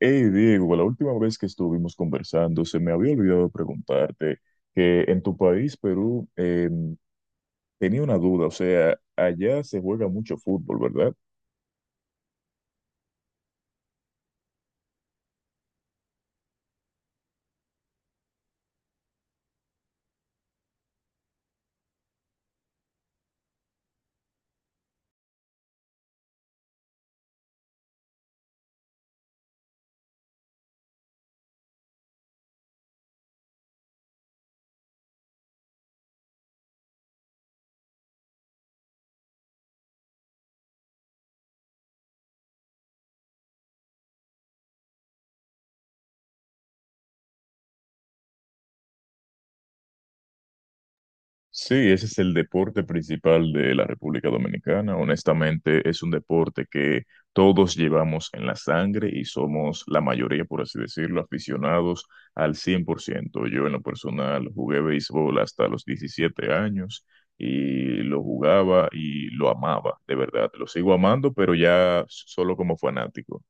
Hey Diego, la última vez que estuvimos conversando, se me había olvidado preguntarte que en tu país, Perú, tenía una duda, o sea, allá se juega mucho fútbol, ¿verdad? Sí, ese es el deporte principal de la República Dominicana. Honestamente, es un deporte que todos llevamos en la sangre y somos la mayoría, por así decirlo, aficionados al 100%. Yo en lo personal jugué béisbol hasta los 17 años y lo jugaba y lo amaba, de verdad. Lo sigo amando, pero ya solo como fanático.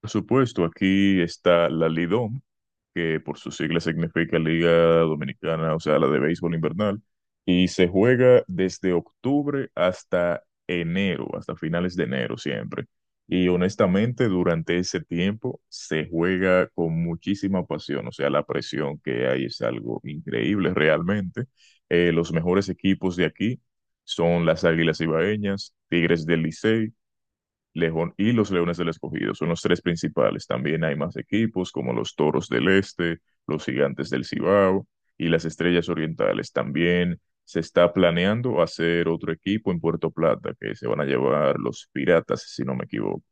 Por supuesto, aquí está la Lidom, que por sus siglas significa Liga Dominicana, o sea, la de béisbol invernal, y se juega desde octubre hasta enero, hasta finales de enero siempre. Y honestamente, durante ese tiempo se juega con muchísima pasión, o sea, la presión que hay es algo increíble realmente. Los mejores equipos de aquí son las Águilas Ibaeñas, Tigres del Licey, León y los Leones del Escogido son los tres principales. También hay más equipos como los Toros del Este, los Gigantes del Cibao y las Estrellas Orientales. También se está planeando hacer otro equipo en Puerto Plata que se van a llevar los Piratas, si no me equivoco.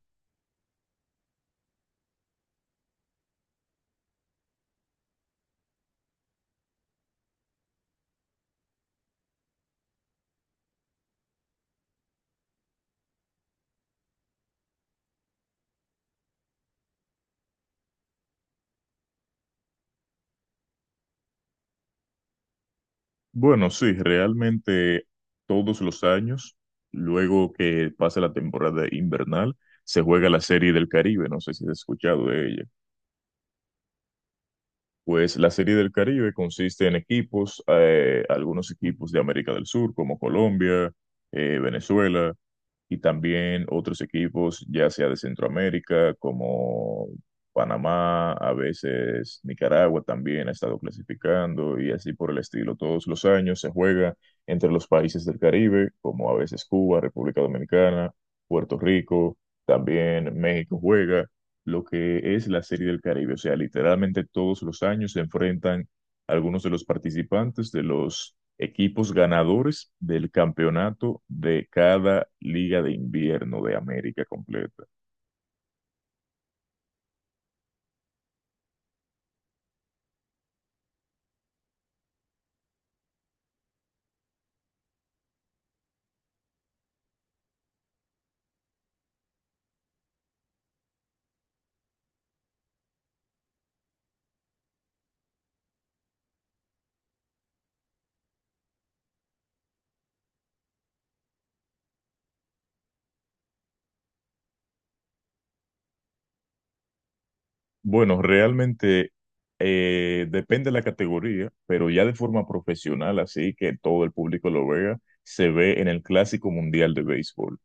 Bueno, sí, realmente todos los años, luego que pasa la temporada invernal, se juega la Serie del Caribe. No sé si has escuchado de ella. Pues la Serie del Caribe consiste en equipos, algunos equipos de América del Sur, como Colombia, Venezuela, y también otros equipos, ya sea de Centroamérica, como Panamá, a veces Nicaragua también ha estado clasificando, y así por el estilo. Todos los años se juega entre los países del Caribe, como a veces Cuba, República Dominicana, Puerto Rico, también México juega lo que es la Serie del Caribe. O sea, literalmente todos los años se enfrentan algunos de los participantes de los equipos ganadores del campeonato de cada liga de invierno de América completa. Bueno, realmente depende de la categoría, pero ya de forma profesional, así que todo el público lo vea, se ve en el Clásico Mundial de Béisbol.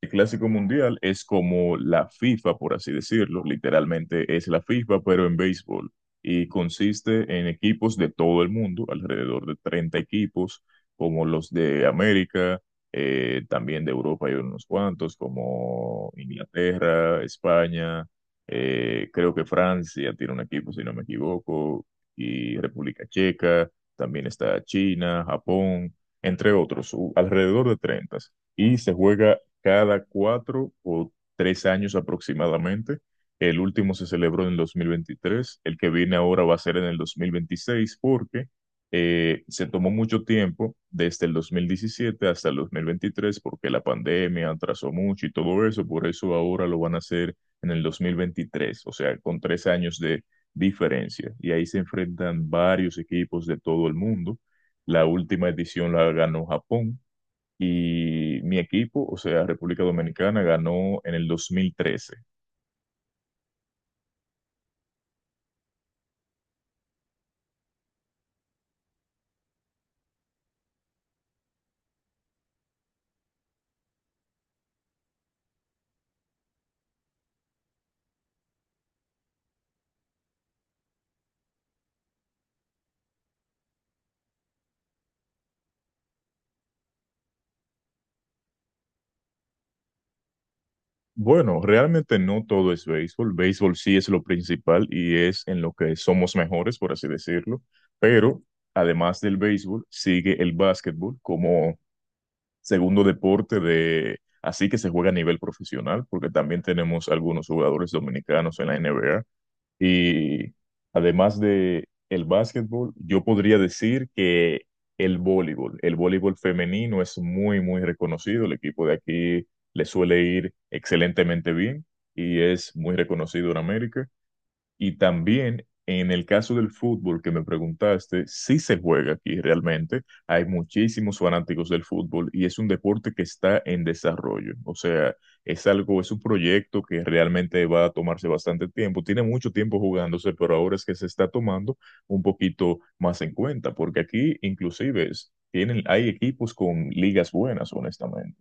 El clásico mundial es como la FIFA, por así decirlo, literalmente es la FIFA, pero en béisbol, y consiste en equipos de todo el mundo, alrededor de 30 equipos, como los de América, también de Europa hay unos cuantos, como Inglaterra, España, creo que Francia tiene un equipo, si no me equivoco, y República Checa, también está China, Japón, entre otros, alrededor de 30 y se juega cada cuatro o tres años aproximadamente. El último se celebró en el 2023, el que viene ahora va a ser en el 2026 porque se tomó mucho tiempo desde el 2017 hasta el 2023 porque la pandemia atrasó mucho y todo eso, por eso ahora lo van a hacer en el 2023, o sea, con tres años de diferencia. Y ahí se enfrentan varios equipos de todo el mundo. La última edición la ganó Japón, y mi equipo, o sea, República Dominicana, ganó en el 2013. Bueno, realmente no todo es béisbol. Béisbol sí es lo principal y es en lo que somos mejores, por así decirlo. Pero además del béisbol, sigue el básquetbol como segundo deporte de, así que se juega a nivel profesional, porque también tenemos algunos jugadores dominicanos en la NBA. Y además de el básquetbol, yo podría decir que el voleibol femenino es muy, muy reconocido. El equipo de aquí le suele ir excelentemente bien y es muy reconocido en América. Y también en el caso del fútbol que me preguntaste, sí se juega aquí realmente. Hay muchísimos fanáticos del fútbol y es un deporte que está en desarrollo. O sea, es algo, es un proyecto que realmente va a tomarse bastante tiempo. Tiene mucho tiempo jugándose, pero ahora es que se está tomando un poquito más en cuenta, porque aquí inclusive tienen, hay equipos con ligas buenas, honestamente.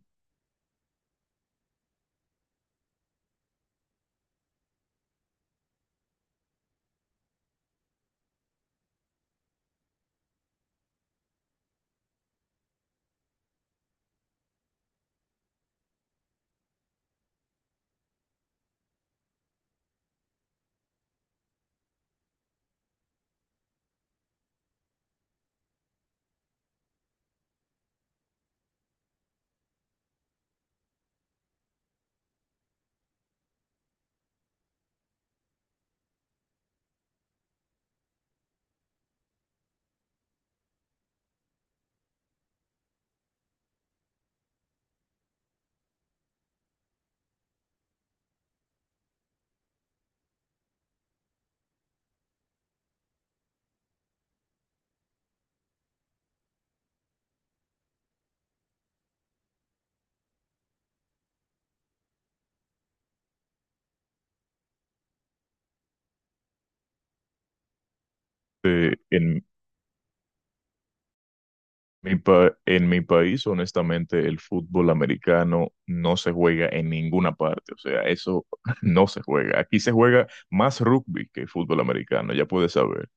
Eh, En en mi país, honestamente, el fútbol americano no se juega en ninguna parte. O sea, eso no se juega. Aquí se juega más rugby que fútbol americano, ya puedes saber.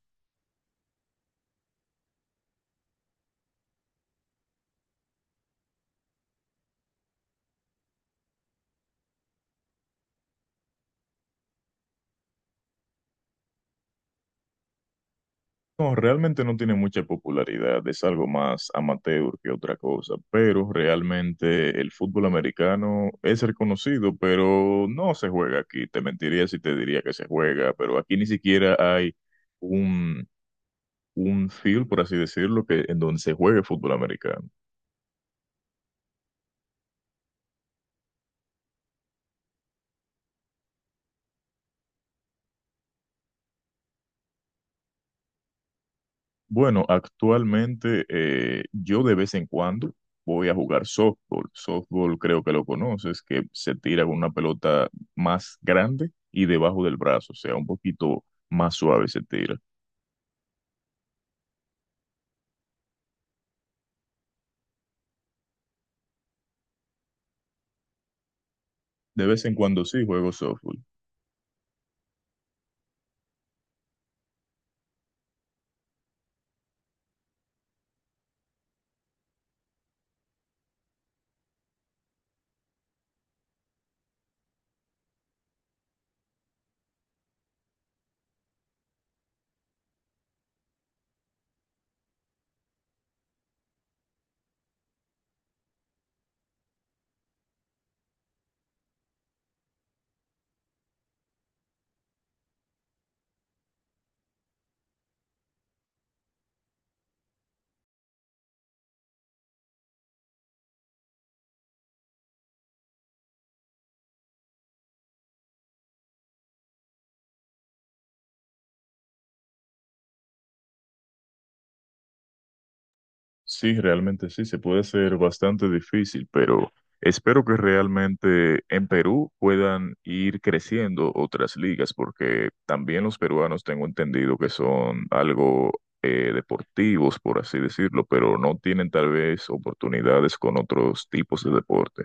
No, realmente no tiene mucha popularidad. Es algo más amateur que otra cosa. Pero realmente el fútbol americano es reconocido, pero no se juega aquí. Te mentiría si te diría que se juega, pero aquí ni siquiera hay un, un field, por así decirlo, que, en donde se juegue fútbol americano. Bueno, actualmente yo de vez en cuando voy a jugar softball. Softball creo que lo conoces, que se tira con una pelota más grande y debajo del brazo, o sea, un poquito más suave se tira. De vez en cuando sí juego softball. Sí, realmente sí, se puede hacer bastante difícil, pero espero que realmente en Perú puedan ir creciendo otras ligas, porque también los peruanos tengo entendido que son algo deportivos, por así decirlo, pero no tienen tal vez oportunidades con otros tipos de deporte.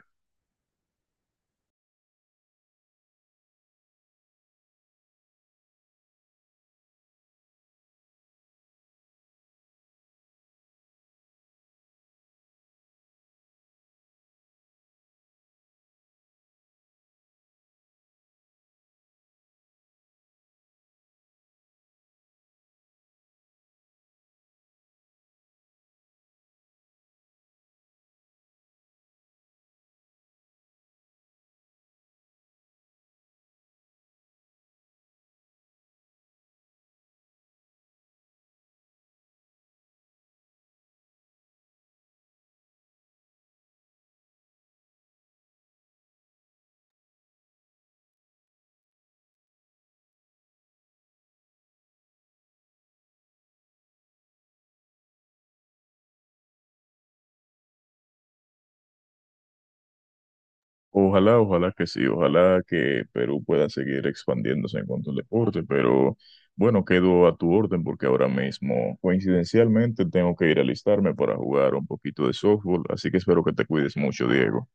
Ojalá, ojalá que sí, ojalá que Perú pueda seguir expandiéndose en cuanto al deporte, pero bueno, quedo a tu orden porque ahora mismo, coincidencialmente, tengo que ir a alistarme para jugar un poquito de softball, así que espero que te cuides mucho, Diego.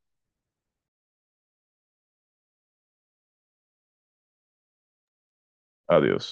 Adiós.